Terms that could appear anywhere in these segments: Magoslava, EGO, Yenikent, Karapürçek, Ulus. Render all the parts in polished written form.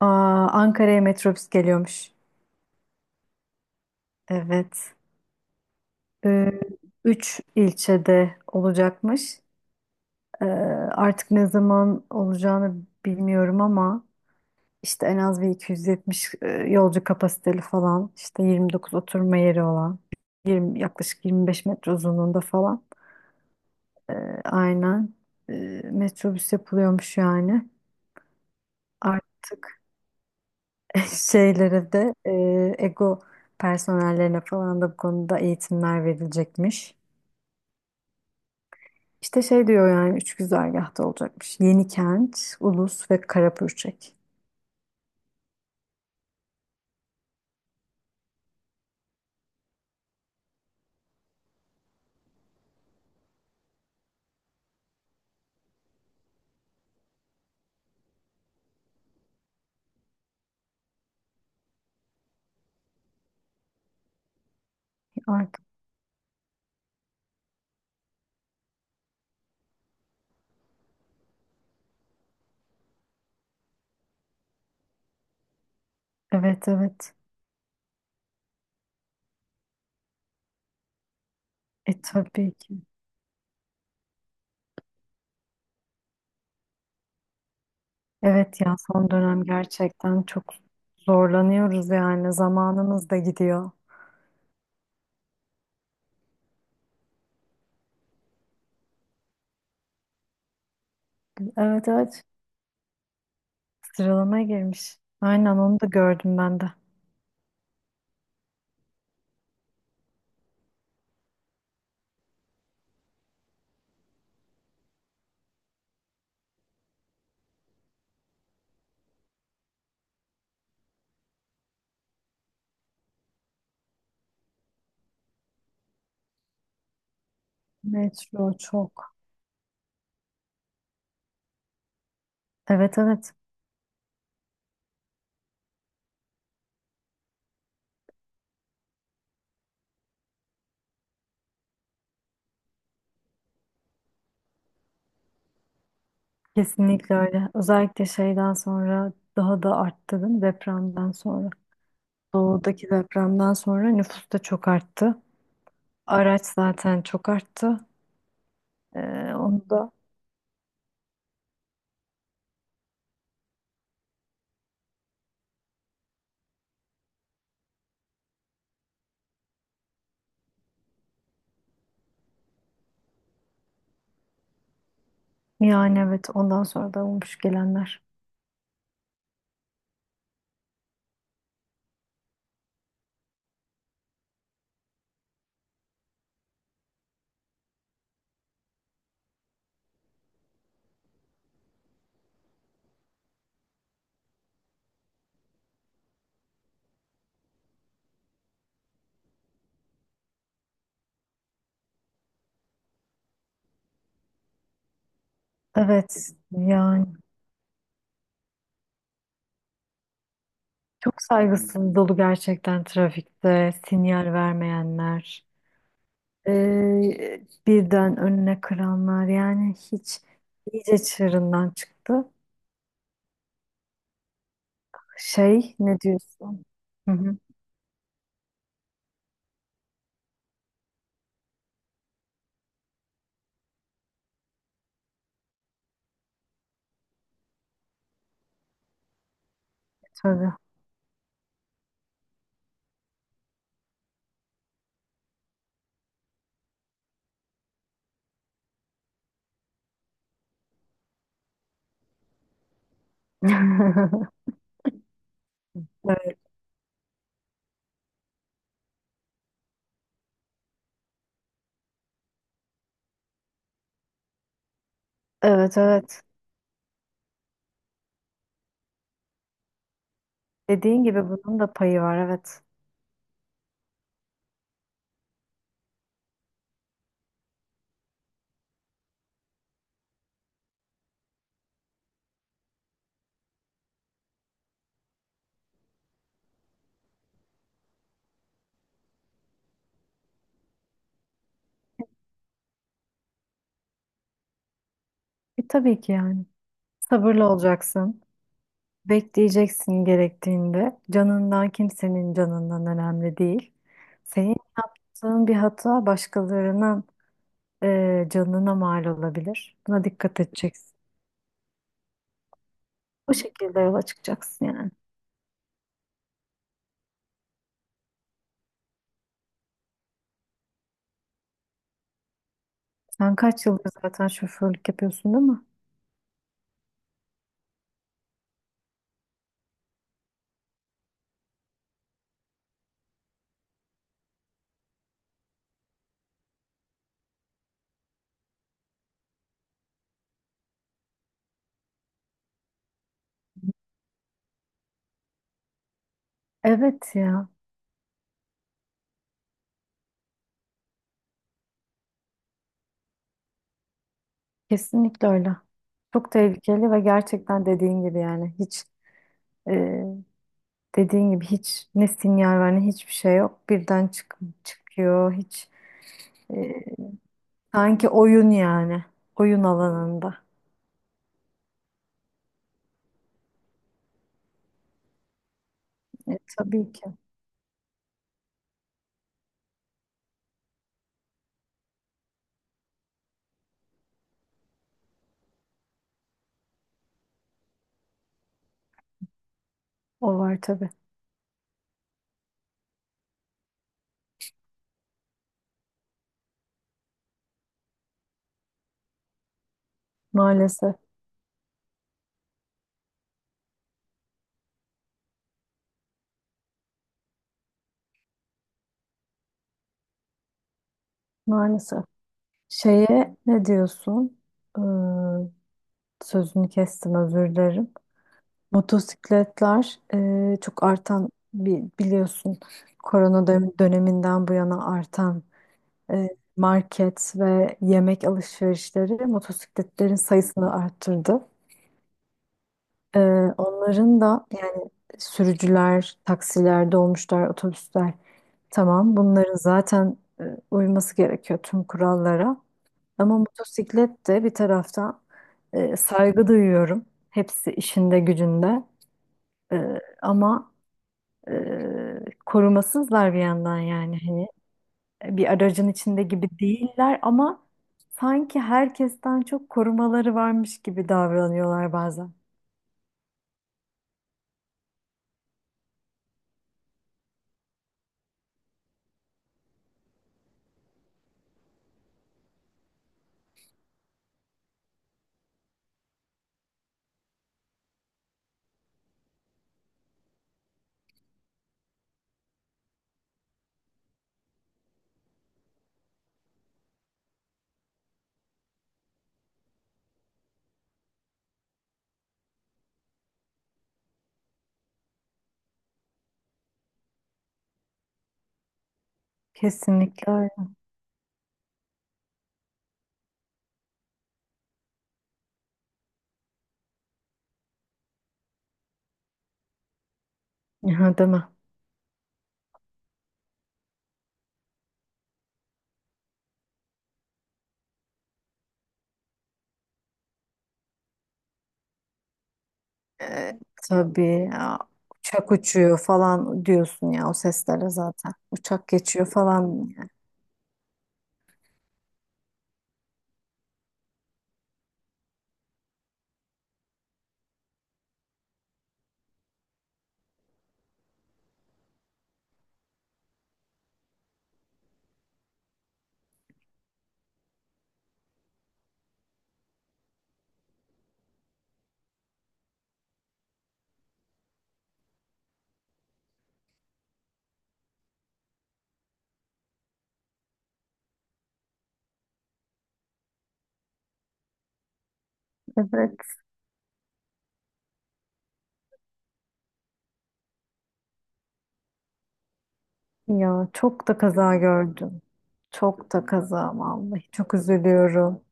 Aa, Ankara'ya metrobüs geliyormuş. Evet. Ee, Üç ilçede olacakmış. Ee, Artık ne zaman olacağını bilmiyorum ama işte en az bir 270 yolcu kapasiteli falan. İşte 29 oturma yeri olan. 20, yaklaşık 25 metre uzunluğunda falan. Ee, aynen. Ee, Metrobüs yapılıyormuş yani. Artık şeylere de EGO personellerine falan da bu konuda eğitimler verilecekmiş. İşte şey diyor yani üç güzergahta olacakmış. Yenikent, Ulus ve Karapürçek. Ay, evet, evet. E, tabii ki. Evet ya, son dönem gerçekten çok zorlanıyoruz yani, zamanımız da gidiyor. Evet, evet, sıralamaya girmiş. Aynen, onu da gördüm ben de. Metro çok. Evet, evet, kesinlikle öyle. Özellikle şeyden sonra daha da arttı değil mi, depremden sonra. Doğudaki depremden sonra nüfus da çok arttı. Araç zaten çok arttı. Ee, Onu da yani evet, ondan sonra da olmuş gelenler. Evet yani çok saygısız dolu gerçekten trafikte, sinyal vermeyenler. ee, Birden önüne kıranlar yani, hiç iyice çığırından çıktı. Şey, ne diyorsun? Hı hı, tabii. Evet, evet, evet. Dediğin gibi bunun da payı var, evet. E, tabii ki yani. Sabırlı olacaksın. Bekleyeceksin gerektiğinde. Canından, kimsenin canından önemli değil. Senin yaptığın bir hata başkalarının canına mal olabilir. Buna dikkat edeceksin. Bu şekilde yola çıkacaksın yani. Sen kaç yıldır zaten şoförlük yapıyorsun değil mi? Evet ya, kesinlikle öyle. Çok tehlikeli ve gerçekten dediğin gibi yani hiç e, dediğin gibi hiç ne sinyal var ne hiçbir şey yok. Birden çıkıyor hiç. Sanki oyun yani. Oyun alanında. E, tabii ki. O var tabii. Maalesef. Maalesef. Şeye ne diyorsun? Ee, Sözünü kestim, özür dilerim. Motosikletler çok artan, biliyorsun, korona döneminden bu yana artan e, market ve yemek alışverişleri motosikletlerin sayısını arttırdı. Ee, Onların da yani sürücüler, taksiler, dolmuşlar, otobüsler, tamam, bunların zaten uyması gerekiyor tüm kurallara. Ama motosiklet de bir taraftan, saygı duyuyorum. Hepsi işinde gücünde. E, ama e, korumasızlar bir yandan, yani hani bir aracın içinde gibi değiller ama sanki herkesten çok korumaları varmış gibi davranıyorlar bazen. Kesinlikle öyle. Aha, değil mi? E, tabii ya, uçak uçuyor falan diyorsun ya o seslere zaten. Uçak geçiyor falan. Yani. Evet ya, çok da kaza gördüm. Çok da kaza vallahi, çok üzülüyorum.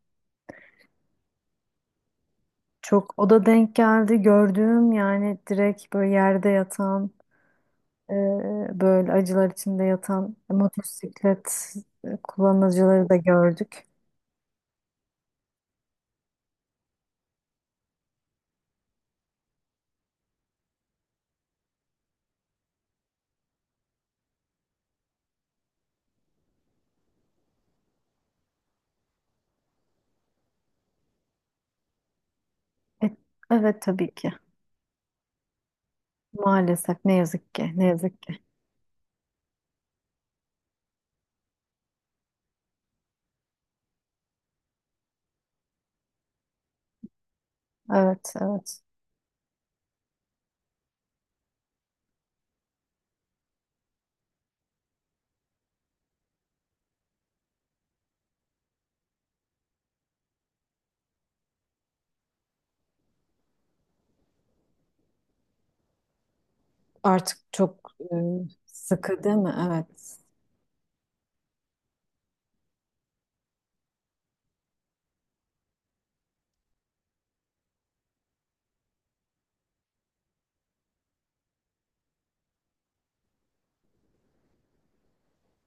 Çok o da denk geldi gördüğüm yani, direkt böyle yerde yatan, e, böyle acılar içinde yatan motosiklet kullanıcıları da gördük. E, evet tabii ki, maalesef, ne yazık ki, ne yazık ki. Evet, evet. Artık çok sıkı değil mi? Evet.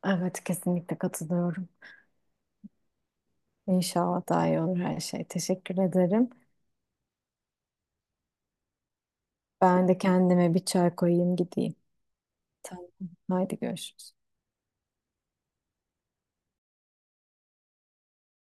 Evet, kesinlikle katılıyorum. İnşallah daha iyi olur her şey. Teşekkür ederim. Ben de kendime bir çay koyayım, gideyim. Tamam. Haydi, görüşürüz.